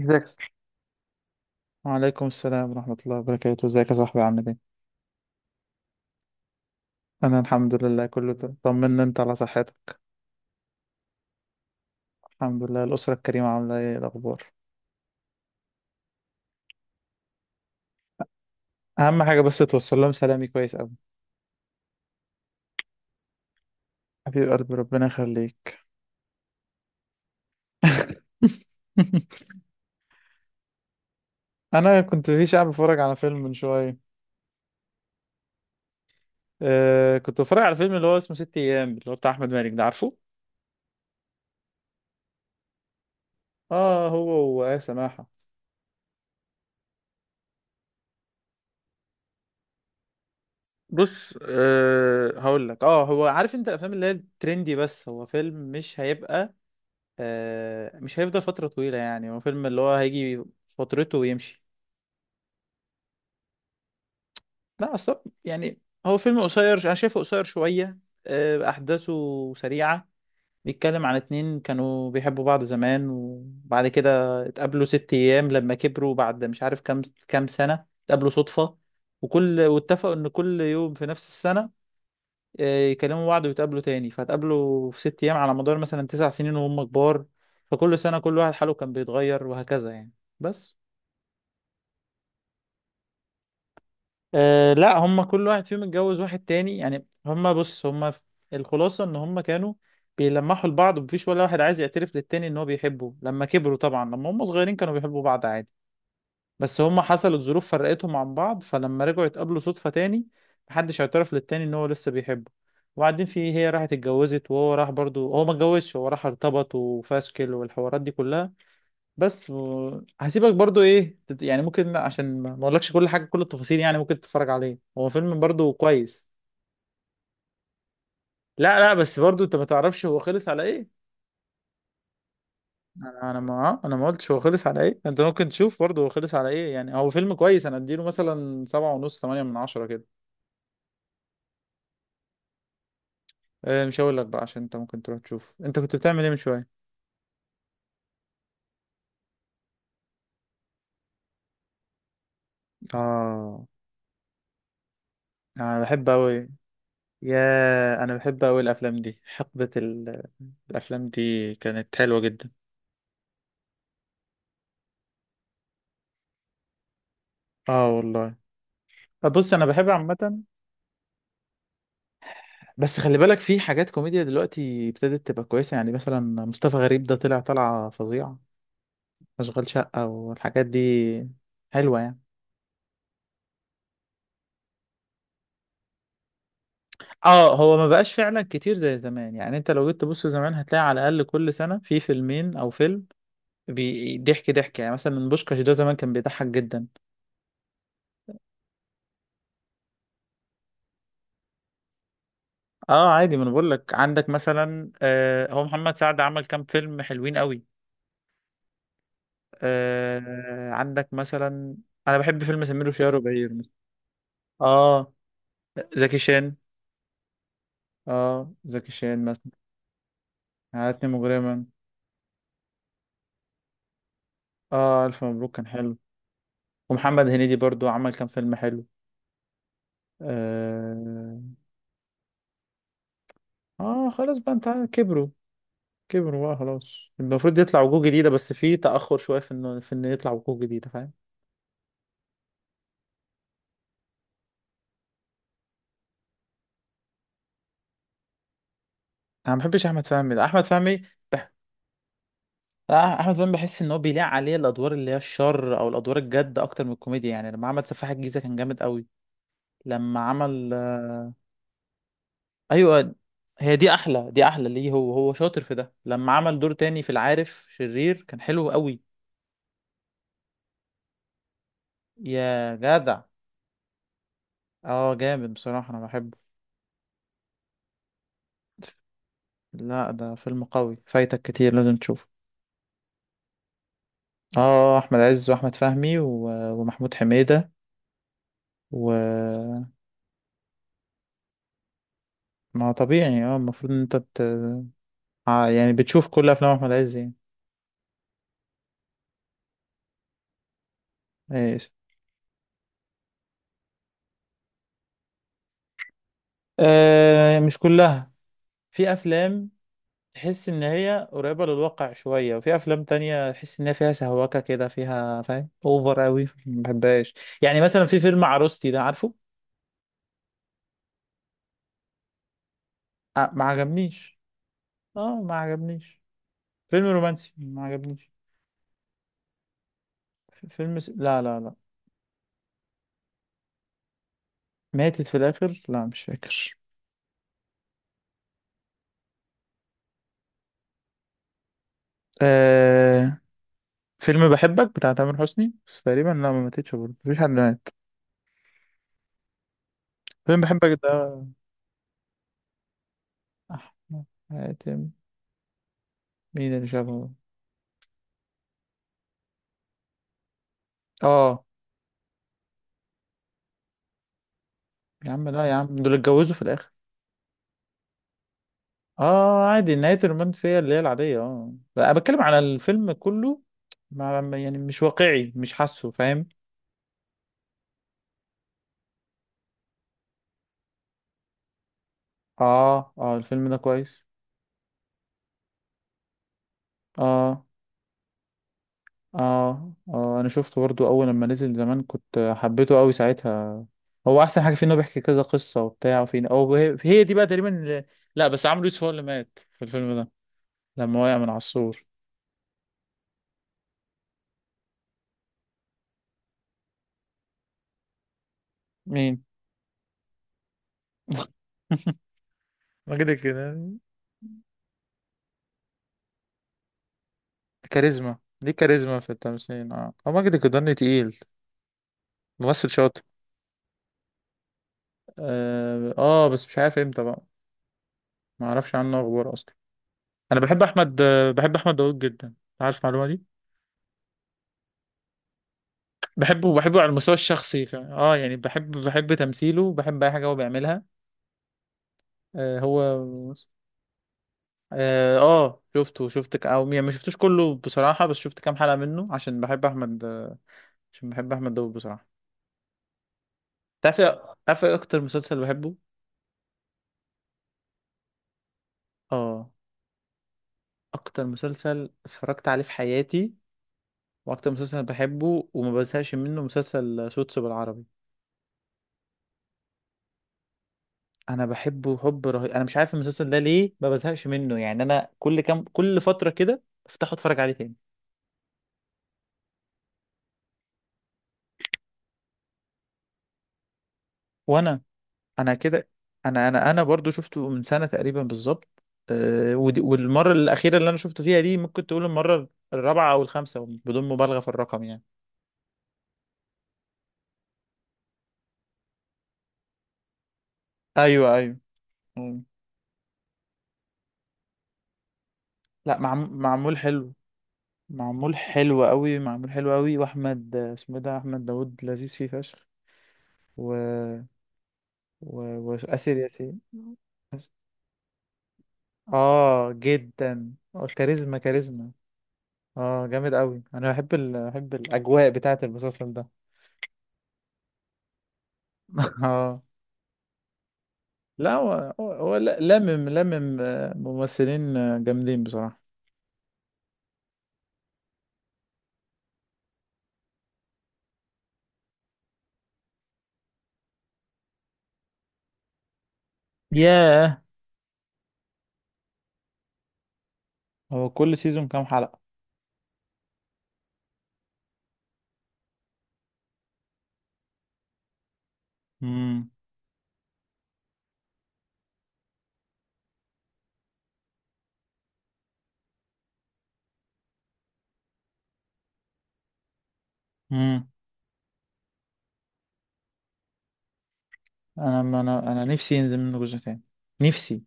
ازيك وعليكم السلام ورحمة الله وبركاته، ازيك يا صاحبي، عامل ايه؟ أنا الحمد لله كله تمام، طمنا انت على صحتك. الحمد لله، الأسرة الكريمة عاملة ايه، إيه الأخبار؟ أهم حاجة بس توصل لهم سلامي كويس أوي. حبيب قلبي، ربنا يخليك. أنا كنت في شعب بتفرج على فيلم من شوية. كنت بتفرج على فيلم اللي هو اسمه ست أيام، اللي هو بتاع أحمد مالك، ده عارفه؟ اه هو. وآية سماحة. بص، هقول لك، هو عارف انت الافلام اللي هي الترندي، بس هو فيلم مش هيبقى، مش هيفضل فترة طويلة، يعني هو فيلم اللي هو هيجي فترته ويمشي. لا، أصلا يعني هو فيلم قصير، أنا شايفه قصير شوية، أحداثه سريعة. بيتكلم عن اتنين كانوا بيحبوا بعض زمان، وبعد كده اتقابلوا ست أيام لما كبروا، بعد مش عارف كام سنة اتقابلوا صدفة. واتفقوا إن كل يوم في نفس السنة، يكلموا بعض ويتقابلوا تاني، فاتقابلوا في ست أيام على مدار مثلا 9 سنين وهم كبار، فكل سنة كل واحد حاله كان بيتغير، وهكذا يعني. بس. أه لا، هم كل واحد فيهم اتجوز واحد تاني، يعني هم، بص، الخلاصة ان هم كانوا بيلمحوا لبعض، ومفيش ولا واحد عايز يعترف للتاني ان هو بيحبه. لما كبروا طبعا، لما هم صغيرين كانوا بيحبوا بعض عادي، بس هم حصلت ظروف فرقتهم عن بعض، فلما رجعوا يتقابلوا صدفة تاني محدش اعترف للتاني ان هو لسه بيحبه. وبعدين هي راحت اتجوزت، وهو راح برضو، هو ما اتجوزش، هو راح ارتبط وفاشكل والحوارات دي كلها. بس هسيبك برضو، يعني ممكن، عشان ما اقولكش كل حاجه، كل التفاصيل، يعني ممكن تتفرج عليه، هو فيلم برضو كويس. لا لا، بس برضو انت ما تعرفش هو خلص على ايه. انا ما قلتش هو خلص على ايه، انت ممكن تشوف برضو هو خلص على ايه، يعني هو فيلم كويس، انا اديله مثلا 7.5، 8/10 كده. أه، مش هقول لك بقى، عشان انت ممكن تروح تشوف، انت كنت بتعمل ايه من شويه؟ اه، انا بحب اوي يا انا بحب اوي الافلام دي حقبه الافلام دي كانت حلوه جدا. اه والله، بص انا بحب عامه، بس خلي بالك في حاجات كوميديا دلوقتي ابتدت تبقى كويسه، يعني مثلا مصطفى غريب ده طلع طلعه فظيعه، اشغال شقه والحاجات دي حلوه يعني. اه، هو ما بقاش فعلا كتير زي زمان، يعني انت لو جيت تبص زمان هتلاقي على الاقل كل سنه في فيلمين او فيلم، ضحك ضحك، يعني مثلا بوشكاش ده زمان كان بيضحك جدا. اه عادي، ما انا بقول لك، عندك مثلا هو محمد سعد عمل كام فيلم حلوين قوي، عندك مثلا، انا بحب فيلم سمير وشهير وبهير مثلا. اه زكي شان اه زكي شان مثلا. عادتني مجرما. اه، الف مبروك كان حلو. ومحمد هنيدي برضو عمل كام فيلم حلو اه, خلاص بقى، انت عارف، كبروا، كبروا بقى خلاص، المفروض يطلع وجوه جديده، بس في تاخر شويه في انه يطلع وجوه جديده، فاهم. انا ما بحبش احمد فهمي، ده احمد فهمي بح... احمد فهمي بحس ان هو بيليق عليه الادوار اللي هي الشر او الادوار الجد اكتر من الكوميديا، يعني لما عمل سفاح الجيزه كان جامد قوي. لما عمل. ايوه، هي دي احلى، دي احلى ليه، هو هو شاطر في ده، لما عمل دور تاني في العارف، شرير كان حلو قوي. يا جدع، اه جامد بصراحة، انا بحبه. لا، ده فيلم قوي فايتك كتير، لازم تشوفه. اه احمد عز واحمد فهمي ومحمود حميدة و ما طبيعي، اه المفروض ان انت يعني بتشوف كل افلام احمد عز يعني. ايش؟ مش كلها، في افلام تحس ان هي قريبة للواقع شوية، وفي افلام تانية تحس ان هي فيها سهوكة كده فيها، فاهم، اوفر قوي ما بحبهاش. يعني مثلا في فيلم عروستي ده، عارفه؟ آه ما عجبنيش. اه ما عجبنيش، فيلم رومانسي ما عجبنيش. لا لا لا. ماتت في الاخر؟ لا مش فاكر. آه... فيلم بحبك بتاع تامر حسني، بس تقريبا لا ما ماتتش برضه، مفيش حد مات. فيلم بحبك ده. احمد حاتم. مين اللي شافه؟ اه. يا عم لا يا عم، دول اتجوزوا في الاخر. اه عادي، نهاية الرومانس هي اللي هي العادية، اه انا بتكلم على الفيلم كله، يعني مش واقعي، مش حاسه، فاهم. اه اه، الفيلم ده كويس. اه اه اه، انا شفته برضو اول لما نزل زمان كنت حبيته قوي ساعتها، هو احسن حاجة فيه انه بيحكي كذا قصة وبتاع، وفين، او هي هي دي بقى تقريبا اللي... لا بس عمرو يوسف هو اللي مات في الفيلم ده، لما وقع من على السور. مين؟ ماجد الكدواني. كاريزما، دي كاريزما في التمثيل، اه هو ماجد الكدواني تقيل، ممثل شاطر. اه بس مش عارف امتى بقى. ما اعرفش عنه اخبار اصلا. انا بحب احمد آه، بحب احمد داوود جدا، عارف المعلومه دي. بحبه بحبه على المستوى الشخصي يعني بحب، بحب تمثيله وبحب اي حاجه هو بيعملها آه هو اه شفته او يعني ما شفتوش كله بصراحه، بس شفت كام حلقه منه عشان بحب احمد، عشان بحب احمد داوود بصراحه. عارف إيه اكتر مسلسل بحبه؟ اه، اكتر مسلسل اتفرجت عليه في حياتي واكتر مسلسل بحبه وما بزهقش منه مسلسل سوتس بالعربي. انا بحبه حب رهيب، انا مش عارف المسلسل ده ليه ما بزهقش منه، يعني انا كل فتره كده افتحه اتفرج عليه تاني. وانا انا كده انا انا انا برضو شفته من سنه تقريبا بالظبط. أه، والمره الاخيره اللي انا شفته فيها دي ممكن تقول المره الرابعه او الخامسه، بدون مبالغه في الرقم يعني. ايوه ايوه. مم. لا معمول حلو، معمول حلو قوي، معمول حلو قوي، واحمد اسمه إيه ده، احمد داوود، لذيذ فيه فشخ، و وآسر ياسين. اه جدا، كاريزما كاريزما. اه جامد قوي، انا بحب الاجواء بتاعه المسلسل ده. اه لا، هو هو هو ل- لمم لمم آه، ممثلين جامدين بصراحة. ياه. هو كل سيزون كام حلقة؟ امم امم انا ما انا انا نفسي ينزل منه جزء تاني، نفسي.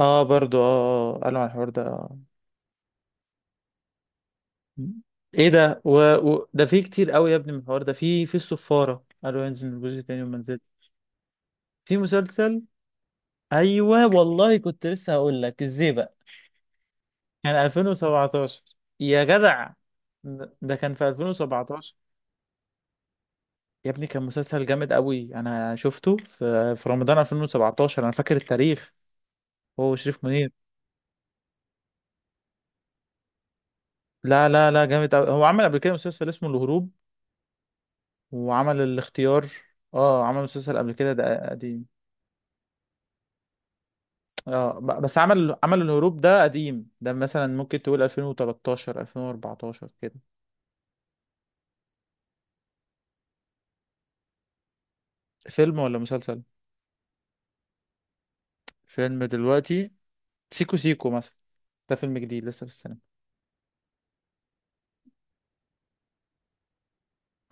اه برضو اه، قالوا على الحوار ده. ايه ده ده فيه كتير قوي يا ابني من الحوار ده، في الصفارة قالوا ينزل منه جزء تاني وما نزلش. في مسلسل. ايوه والله، كنت لسه هقول لك ازاي بقى، كان 2017 يا جدع، ده كان في 2017. يا ابني كان مسلسل جامد قوي، انا شفته في رمضان 2017، انا فاكر التاريخ. هو شريف منير. لا لا لا، جامد قوي، هو عمل قبل كده مسلسل اسمه الهروب، وعمل الاختيار. اه عمل مسلسل قبل كده، ده قديم. اه بس عمل الهروب ده قديم، ده مثلا ممكن تقول 2013 2014 كده. فيلم ولا مسلسل؟ فيلم دلوقتي. سيكو سيكو مثلا، ده فيلم جديد لسه في السينما.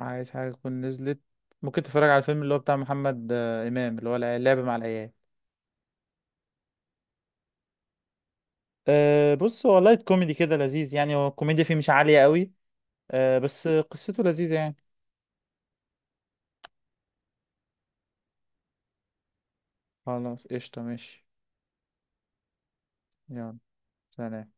عايز حاجة تكون نزلت؟ ممكن تتفرج على الفيلم اللي هو بتاع محمد إمام، اللي هو اللعب مع العيال. أه بص، هو لايت كوميدي كده لذيذ، يعني هو الكوميديا فيه مش عالية قوي، أه بس قصته لذيذة يعني. خلاص قشطة ماشي. يلا. سلام.